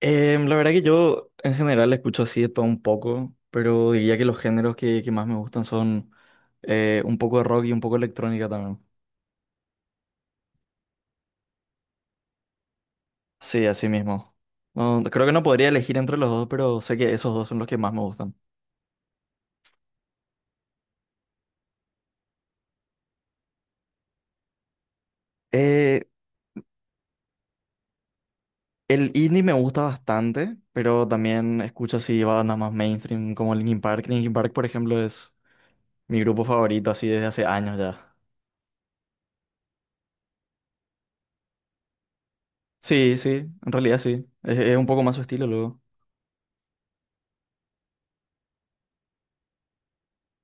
La verdad que yo en general escucho así de todo un poco, pero diría que los géneros que más me gustan son un poco de rock y un poco de electrónica también. Sí, así mismo. No, creo que no podría elegir entre los dos, pero sé que esos dos son los que más me gustan. Eh, el indie me gusta bastante, pero también escucho así bandas más mainstream como Linkin Park. Linkin Park, por ejemplo, es mi grupo favorito así desde hace años ya. Sí, sí, en realidad sí. Es un poco más su estilo luego.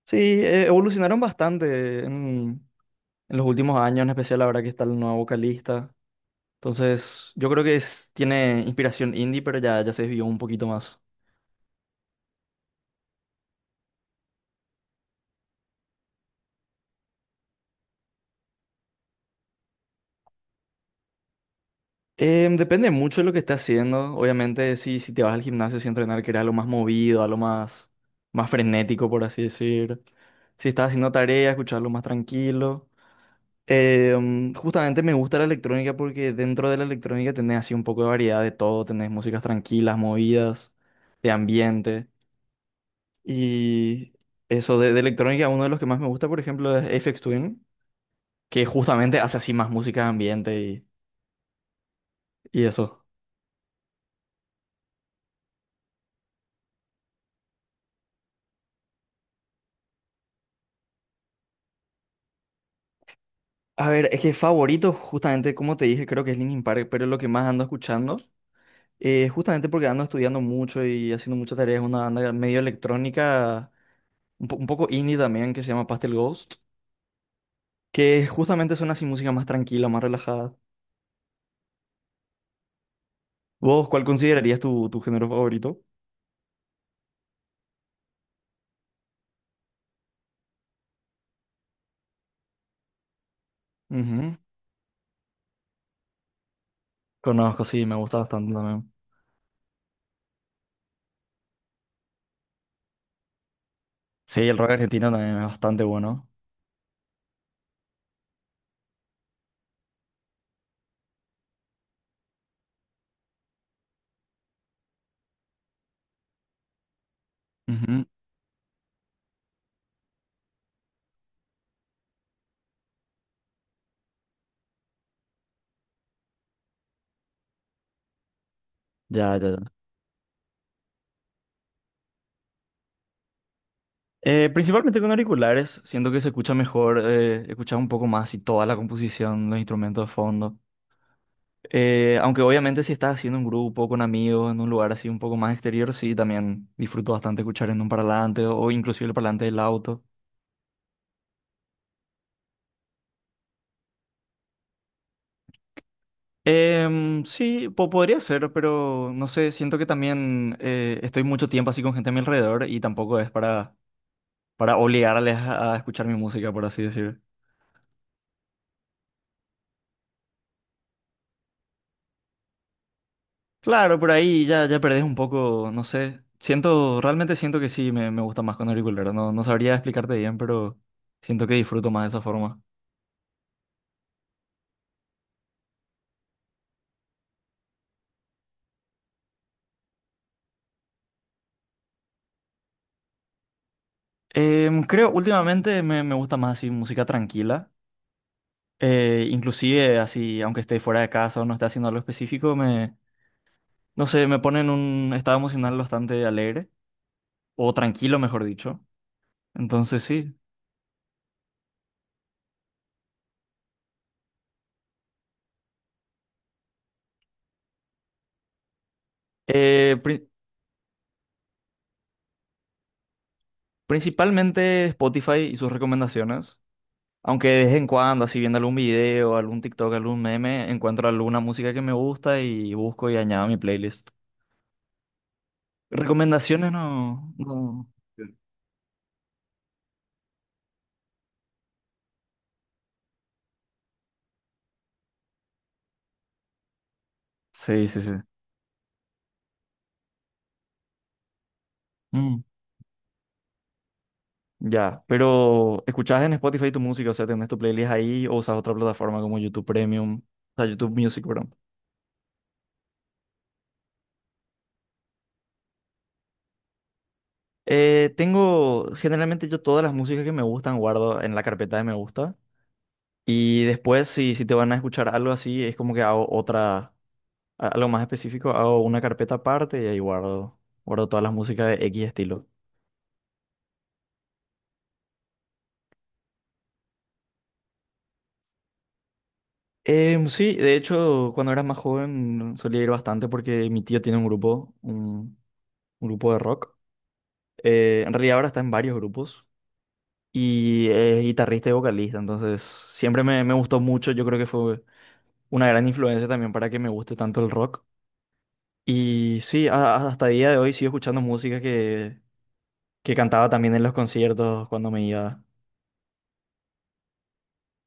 Sí, evolucionaron bastante en los últimos años, en especial ahora que está el nuevo vocalista. Entonces, yo creo que es, tiene inspiración indie, pero ya se desvió un poquito más. Depende mucho de lo que estés haciendo. Obviamente, si te vas al gimnasio sin entrenar, que era lo más movido, a lo más, más frenético, por así decir. Si estás haciendo tarea, escucharlo más tranquilo. Justamente me gusta la electrónica porque dentro de la electrónica tenés así un poco de variedad de todo. Tenés músicas tranquilas, movidas, de ambiente. Y eso de electrónica, uno de los que más me gusta, por ejemplo, es Aphex Twin, que justamente hace así más música de ambiente y eso. A ver, es que favorito, justamente como te dije, creo que es Linkin Park, pero es lo que más ando escuchando. Justamente porque ando estudiando mucho y haciendo muchas tareas, una banda medio electrónica, un poco indie también, que se llama Pastel Ghost, que justamente son así música más tranquila, más relajada. ¿Vos cuál considerarías tu género favorito? Ujú. Conozco, sí, me gusta bastante también. Sí, el rock argentino también es bastante bueno. Ujú. Ya, ya, ya. Principalmente con auriculares, siento que se escucha mejor, escuchas un poco más y toda la composición, los instrumentos de fondo. Aunque obviamente si estás haciendo un grupo con amigos en un lugar así un poco más exterior, sí, también disfruto bastante escuchar en un parlante o inclusive el parlante del auto. Sí, podría ser, pero no sé, siento que también estoy mucho tiempo así con gente a mi alrededor y tampoco es para obligarles a escuchar mi música, por así decir. Claro, por ahí ya perdés un poco, no sé. Siento, realmente siento que sí, me gusta más con auriculero. No, no sabría explicarte bien, pero siento que disfruto más de esa forma. Creo, últimamente me gusta más así música tranquila. Inclusive así, aunque esté fuera de casa o no esté haciendo algo específico, no sé, me pone en un estado emocional bastante alegre, o tranquilo, mejor dicho. Entonces sí. Eh, pri- Principalmente Spotify y sus recomendaciones. Aunque de vez en cuando, así viendo algún video, algún TikTok, algún meme, encuentro alguna música que me gusta y busco y añado a mi playlist. Recomendaciones no, no. Sí, sí, sí. Mm, ya, pero ¿escuchas en Spotify tu música? O sea, ¿tenés tu playlist ahí o usas otra plataforma como YouTube Premium? O sea, YouTube Music, perdón. Tengo, generalmente yo todas las músicas que me gustan guardo en la carpeta de me gusta. Y después, si te van a escuchar algo así, es como que hago otra. Algo más específico, hago una carpeta aparte y ahí guardo, guardo todas las músicas de X estilo. Sí, de hecho, cuando era más joven solía ir bastante porque mi tío tiene un grupo, un grupo de rock. En realidad ahora está en varios grupos y es guitarrista y vocalista, entonces siempre me gustó mucho. Yo creo que fue una gran influencia también para que me guste tanto el rock. Y sí, hasta el día de hoy sigo escuchando música que cantaba también en los conciertos cuando me iba.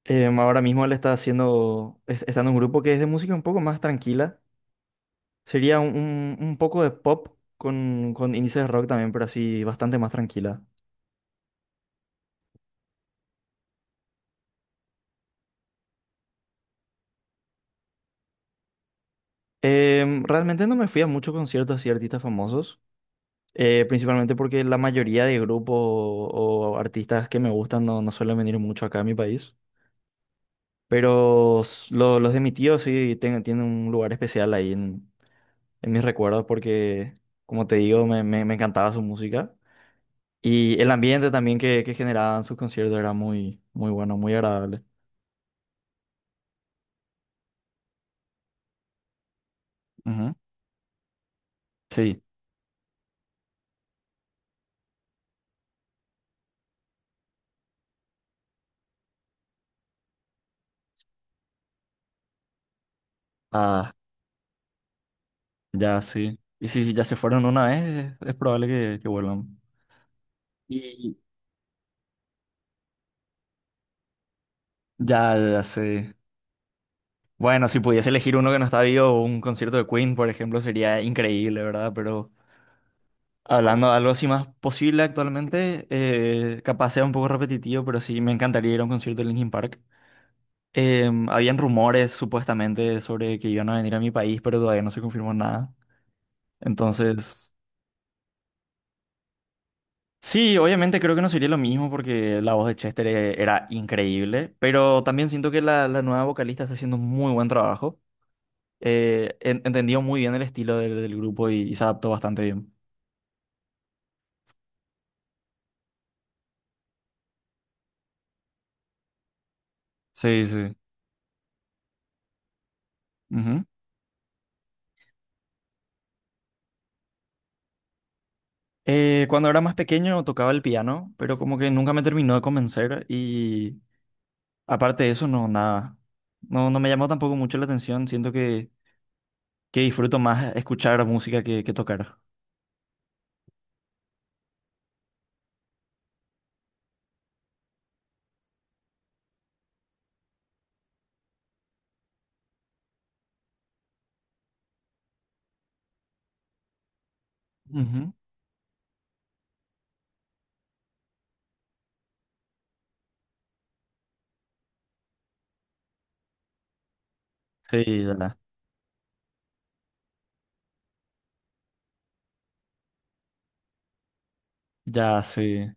Ahora mismo él está haciendo, está en un grupo que es de música un poco más tranquila. Sería un poco de pop con índices de rock también, pero así bastante más tranquila. Realmente no me fui a muchos conciertos así de artistas famosos, principalmente porque la mayoría de grupos o artistas que me gustan no, no suelen venir mucho acá a mi país. Pero los de mi tío sí tienen un lugar especial ahí en mis recuerdos porque, como te digo, me encantaba su música. Y el ambiente también que generaban sus conciertos era muy, muy bueno, muy agradable. Ujú. Sí, ah, ya sí. Y si ya se fueron una vez, es probable que vuelvan. Y ya sé. Bueno, si pudiese elegir uno que no está vivo, un concierto de Queen, por ejemplo, sería increíble, ¿verdad? Pero hablando de algo así más posible actualmente, capaz sea un poco repetitivo, pero sí me encantaría ir a un concierto de Linkin Park. Habían rumores supuestamente sobre que iban a venir a mi país, pero todavía no se confirmó nada. Entonces, sí, obviamente creo que no sería lo mismo porque la voz de Chester era increíble, pero también siento que la nueva vocalista está haciendo un muy buen trabajo. Entendió muy bien el estilo del grupo y se adaptó bastante bien. Sí, sí. Ujú. Cuando era más pequeño tocaba el piano, pero como que nunca me terminó de convencer y aparte de eso, no, nada. No, no me llamó tampoco mucho la atención, siento que disfruto más escuchar música que tocar. Ujú. Sí, ya. Ya, sí,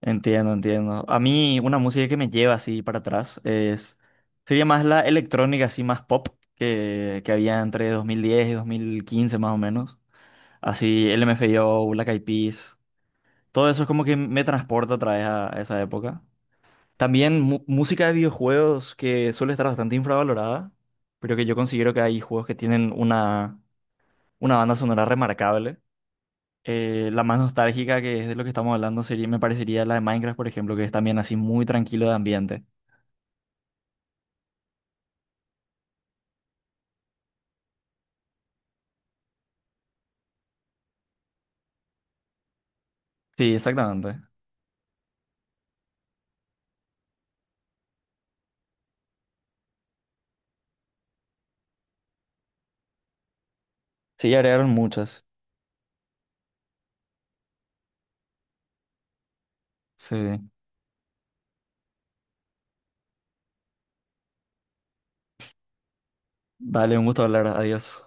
entiendo, entiendo. A mí una música que me lleva así para atrás sería más la electrónica, así más pop, que había entre 2010 y 2015 más o menos. Así LMFAO, Black Eyed Peas, todo eso es como que me transporta otra vez a esa época. También música de videojuegos que suele estar bastante infravalorada, pero que yo considero que hay juegos que tienen una banda sonora remarcable. La más nostálgica que es de lo que estamos hablando sería, me parecería la de Minecraft, por ejemplo, que es también así muy tranquilo de ambiente. Sí, exactamente. Sí, agregaron muchas. Sí. Dale, un gusto hablar. Adiós.